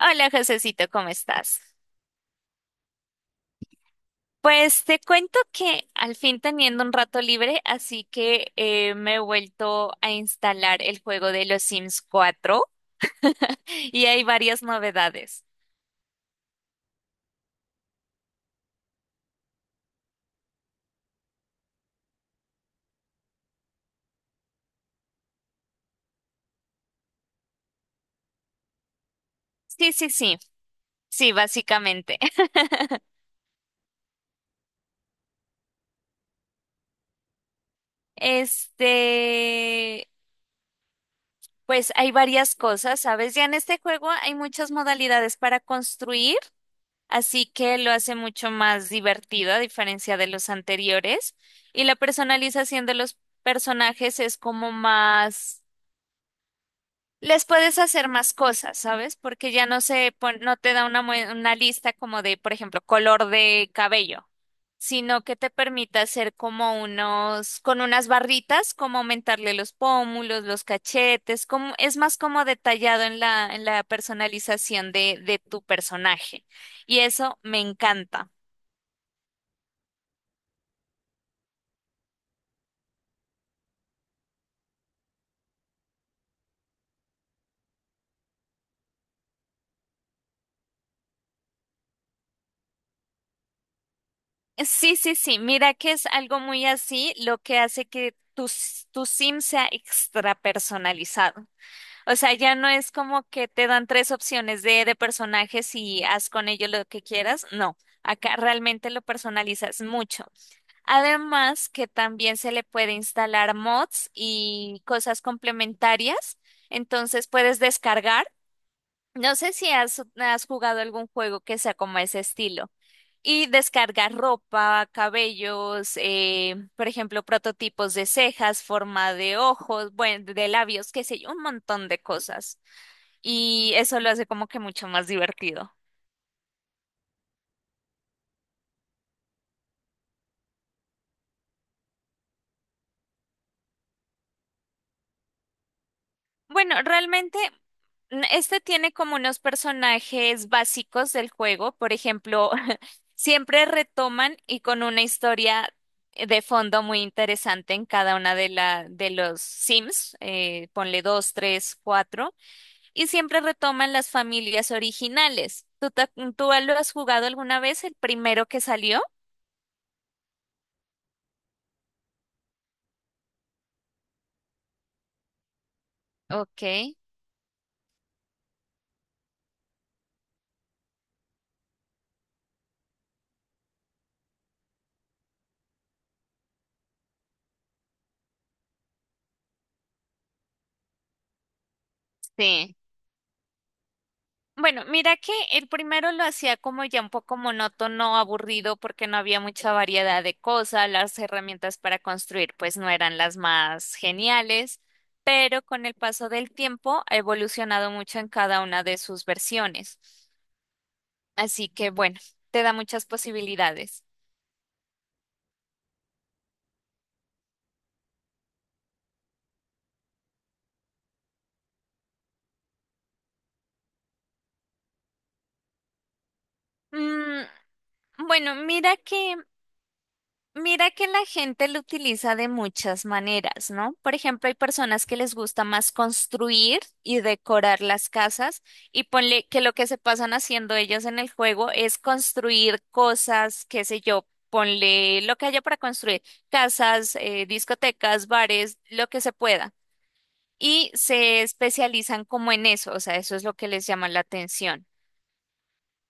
Hola, Josecito, ¿cómo estás? Pues te cuento que al fin teniendo un rato libre, así que me he vuelto a instalar el juego de los Sims 4 y hay varias novedades. Sí, sí, sí, sí, básicamente. Este, pues hay varias cosas, ¿sabes? Ya en este juego hay muchas modalidades para construir. Así que lo hace mucho más divertido a diferencia de los anteriores. Y la personalización de los personajes es como más... Les puedes hacer más cosas, ¿sabes? Porque ya no te da una lista como de, por ejemplo, color de cabello, sino que te permite hacer como con unas barritas, como aumentarle los pómulos, los cachetes, como, es más como detallado en la personalización de tu personaje. Y eso me encanta. Sí, sí, sí, mira que es algo muy así lo que hace que tu sim sea extra personalizado. O sea, ya no es como que te dan tres opciones de personajes y haz con ellos lo que quieras. No, acá realmente lo personalizas mucho. Además que también se le puede instalar mods y cosas complementarias. Entonces puedes descargar. No sé si has jugado algún juego que sea como ese estilo. Y descargar ropa, cabellos, por ejemplo, prototipos de cejas, forma de ojos, bueno, de labios, qué sé yo, un montón de cosas. Y eso lo hace como que mucho más divertido. Bueno, realmente este tiene como unos personajes básicos del juego. Por ejemplo, siempre retoman y con una historia de fondo muy interesante en cada una de los Sims. Ponle dos, tres, cuatro. Y siempre retoman las familias originales. ¿Tú lo has jugado alguna vez, el primero que salió? Ok, sí. Bueno, mira que el primero lo hacía como ya un poco monótono, aburrido, porque no había mucha variedad de cosas, las herramientas para construir pues no eran las más geniales, pero con el paso del tiempo ha evolucionado mucho en cada una de sus versiones. Así que bueno, te da muchas posibilidades. Mm, bueno, mira que la gente lo utiliza de muchas maneras, ¿no? Por ejemplo, hay personas que les gusta más construir y decorar las casas y ponle que lo que se pasan haciendo ellos en el juego es construir cosas, qué sé yo, ponle lo que haya para construir, casas, discotecas, bares, lo que se pueda. Y se especializan como en eso, o sea, eso es lo que les llama la atención.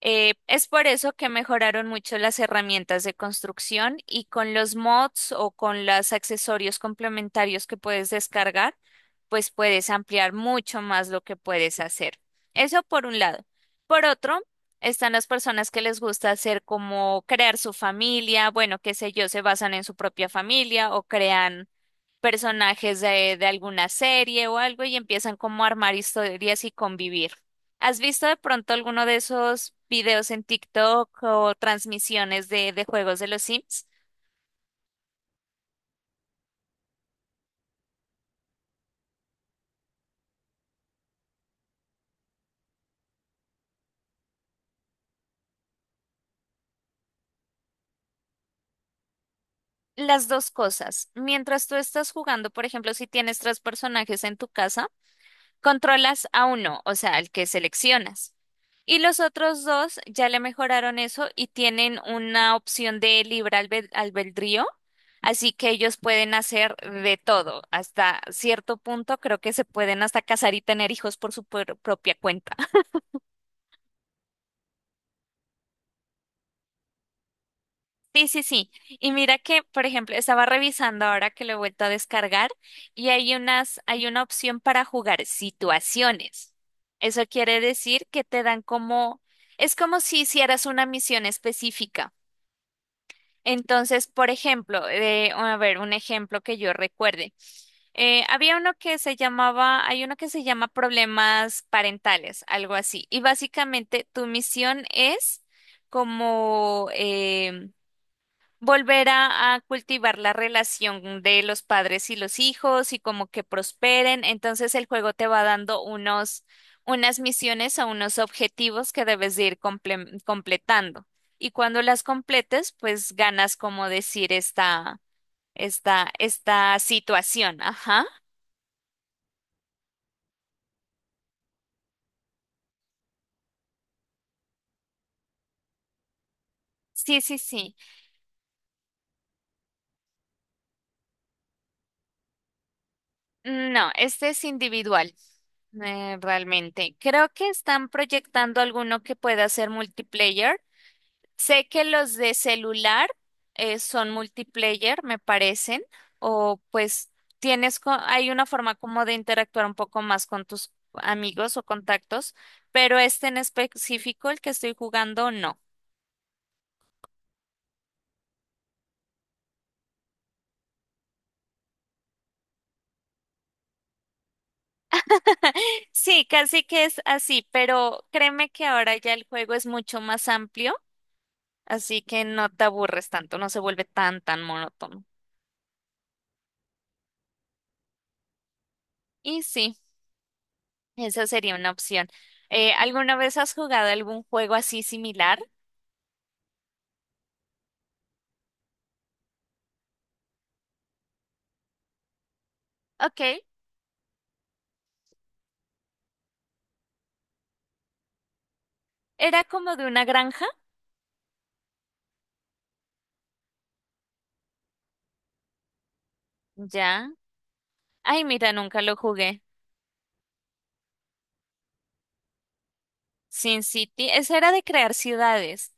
Es por eso que mejoraron mucho las herramientas de construcción y con los mods o con los accesorios complementarios que puedes descargar, pues puedes ampliar mucho más lo que puedes hacer. Eso por un lado. Por otro, están las personas que les gusta hacer como crear su familia, bueno, qué sé yo, se basan en su propia familia o crean personajes de alguna serie o algo y empiezan como a armar historias y convivir. ¿Has visto de pronto alguno de esos videos en TikTok o transmisiones de juegos de los Sims? Las dos cosas. Mientras tú estás jugando, por ejemplo, si tienes tres personajes en tu casa, controlas a uno, o sea, al que seleccionas. Y los otros dos ya le mejoraron eso y tienen una opción de libre albedrío, así que ellos pueden hacer de todo. Hasta cierto punto creo que se pueden hasta casar y tener hijos por su propia cuenta. Sí, sí, sí. Y mira que, por ejemplo, estaba revisando ahora que lo he vuelto a descargar y hay una opción para jugar situaciones. Eso quiere decir que te dan como, es como si hicieras una misión específica. Entonces, por ejemplo, a ver, un ejemplo que yo recuerde. Había uno que se llamaba, hay uno que se llama problemas parentales, algo así. Y básicamente tu misión es como volver a cultivar la relación de los padres y los hijos y como que prosperen. Entonces el juego te va dando unos, unas misiones o unos objetivos que debes de ir completando. Y cuando las completes, pues ganas como decir esta situación. Ajá. Sí, sí, sí. No, este es individual. Realmente, creo que están proyectando alguno que pueda ser multiplayer. Sé que los de celular son multiplayer, me parecen, o pues tienes, hay una forma como de interactuar un poco más con tus amigos o contactos, pero este en específico, el que estoy jugando, no. Sí, casi que es así, pero créeme que ahora ya el juego es mucho más amplio, así que no te aburres tanto, no se vuelve tan, tan monótono. Y sí, esa sería una opción. ¿Alguna vez has jugado algún juego así similar? Ok. Era como de una granja, ya. Ay, mira, nunca lo jugué. Sin City, ese era de crear ciudades,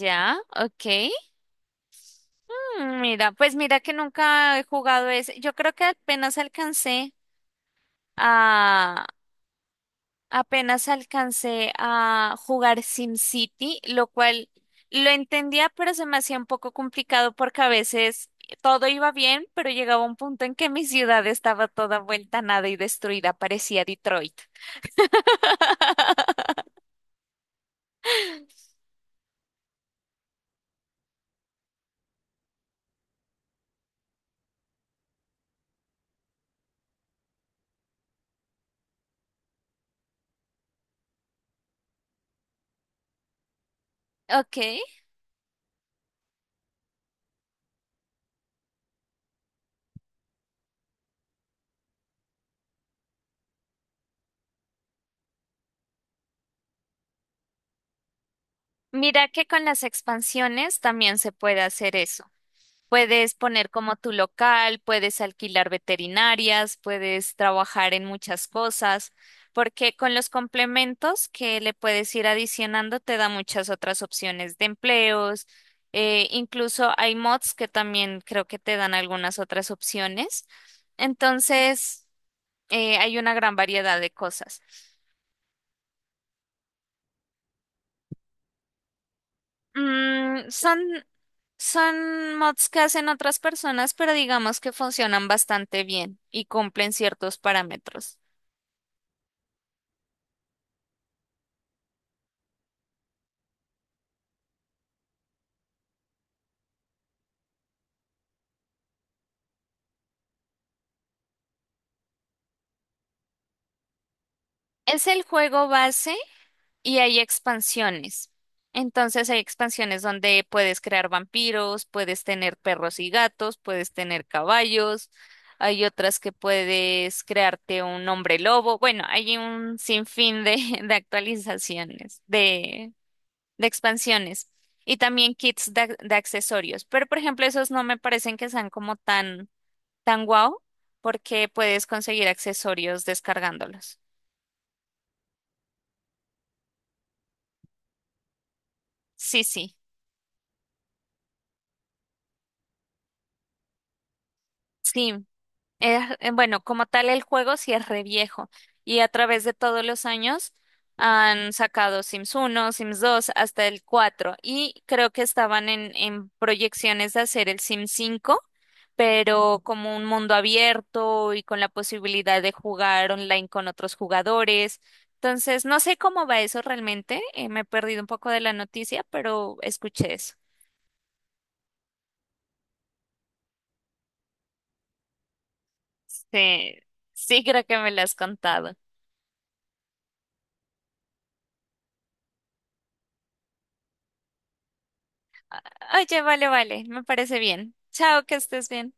ya, ok. Mm, mira, pues mira que nunca he jugado ese. Yo creo que a, apenas alcancé a jugar Sin City, lo cual lo entendía, pero se me hacía un poco complicado porque a veces todo iba bien, pero llegaba un punto en que mi ciudad estaba toda vuelta a nada y destruida, parecía Detroit. Ok. Mira que con las expansiones también se puede hacer eso. Puedes poner como tu local, puedes alquilar veterinarias, puedes trabajar en muchas cosas, porque con los complementos que le puedes ir adicionando te da muchas otras opciones de empleos. Incluso hay mods que también creo que te dan algunas otras opciones. Entonces, hay una gran variedad de cosas. Mm, son, son mods que hacen otras personas, pero digamos que funcionan bastante bien y cumplen ciertos parámetros. Es el juego base y hay expansiones. Entonces hay expansiones donde puedes crear vampiros, puedes tener perros y gatos, puedes tener caballos, hay otras que puedes crearte un hombre lobo. Bueno, hay un sinfín de, de actualizaciones, de expansiones y también kits de accesorios. Pero, por ejemplo, esos no me parecen que sean como tan, tan guau, porque puedes conseguir accesorios descargándolos. Sí, sí, sí. Es, bueno, como tal el juego sí es re viejo y a través de todos los años han sacado Sims 1, Sims 2, hasta el 4 y creo que estaban en proyecciones de hacer el Sims 5, pero como un mundo abierto y con la posibilidad de jugar online con otros jugadores. Entonces, no sé cómo va eso realmente, me he perdido un poco de la noticia, pero escuché eso. Sí, sí creo que me lo has contado. Oye, vale, vale, me parece bien. Chao, que estés bien.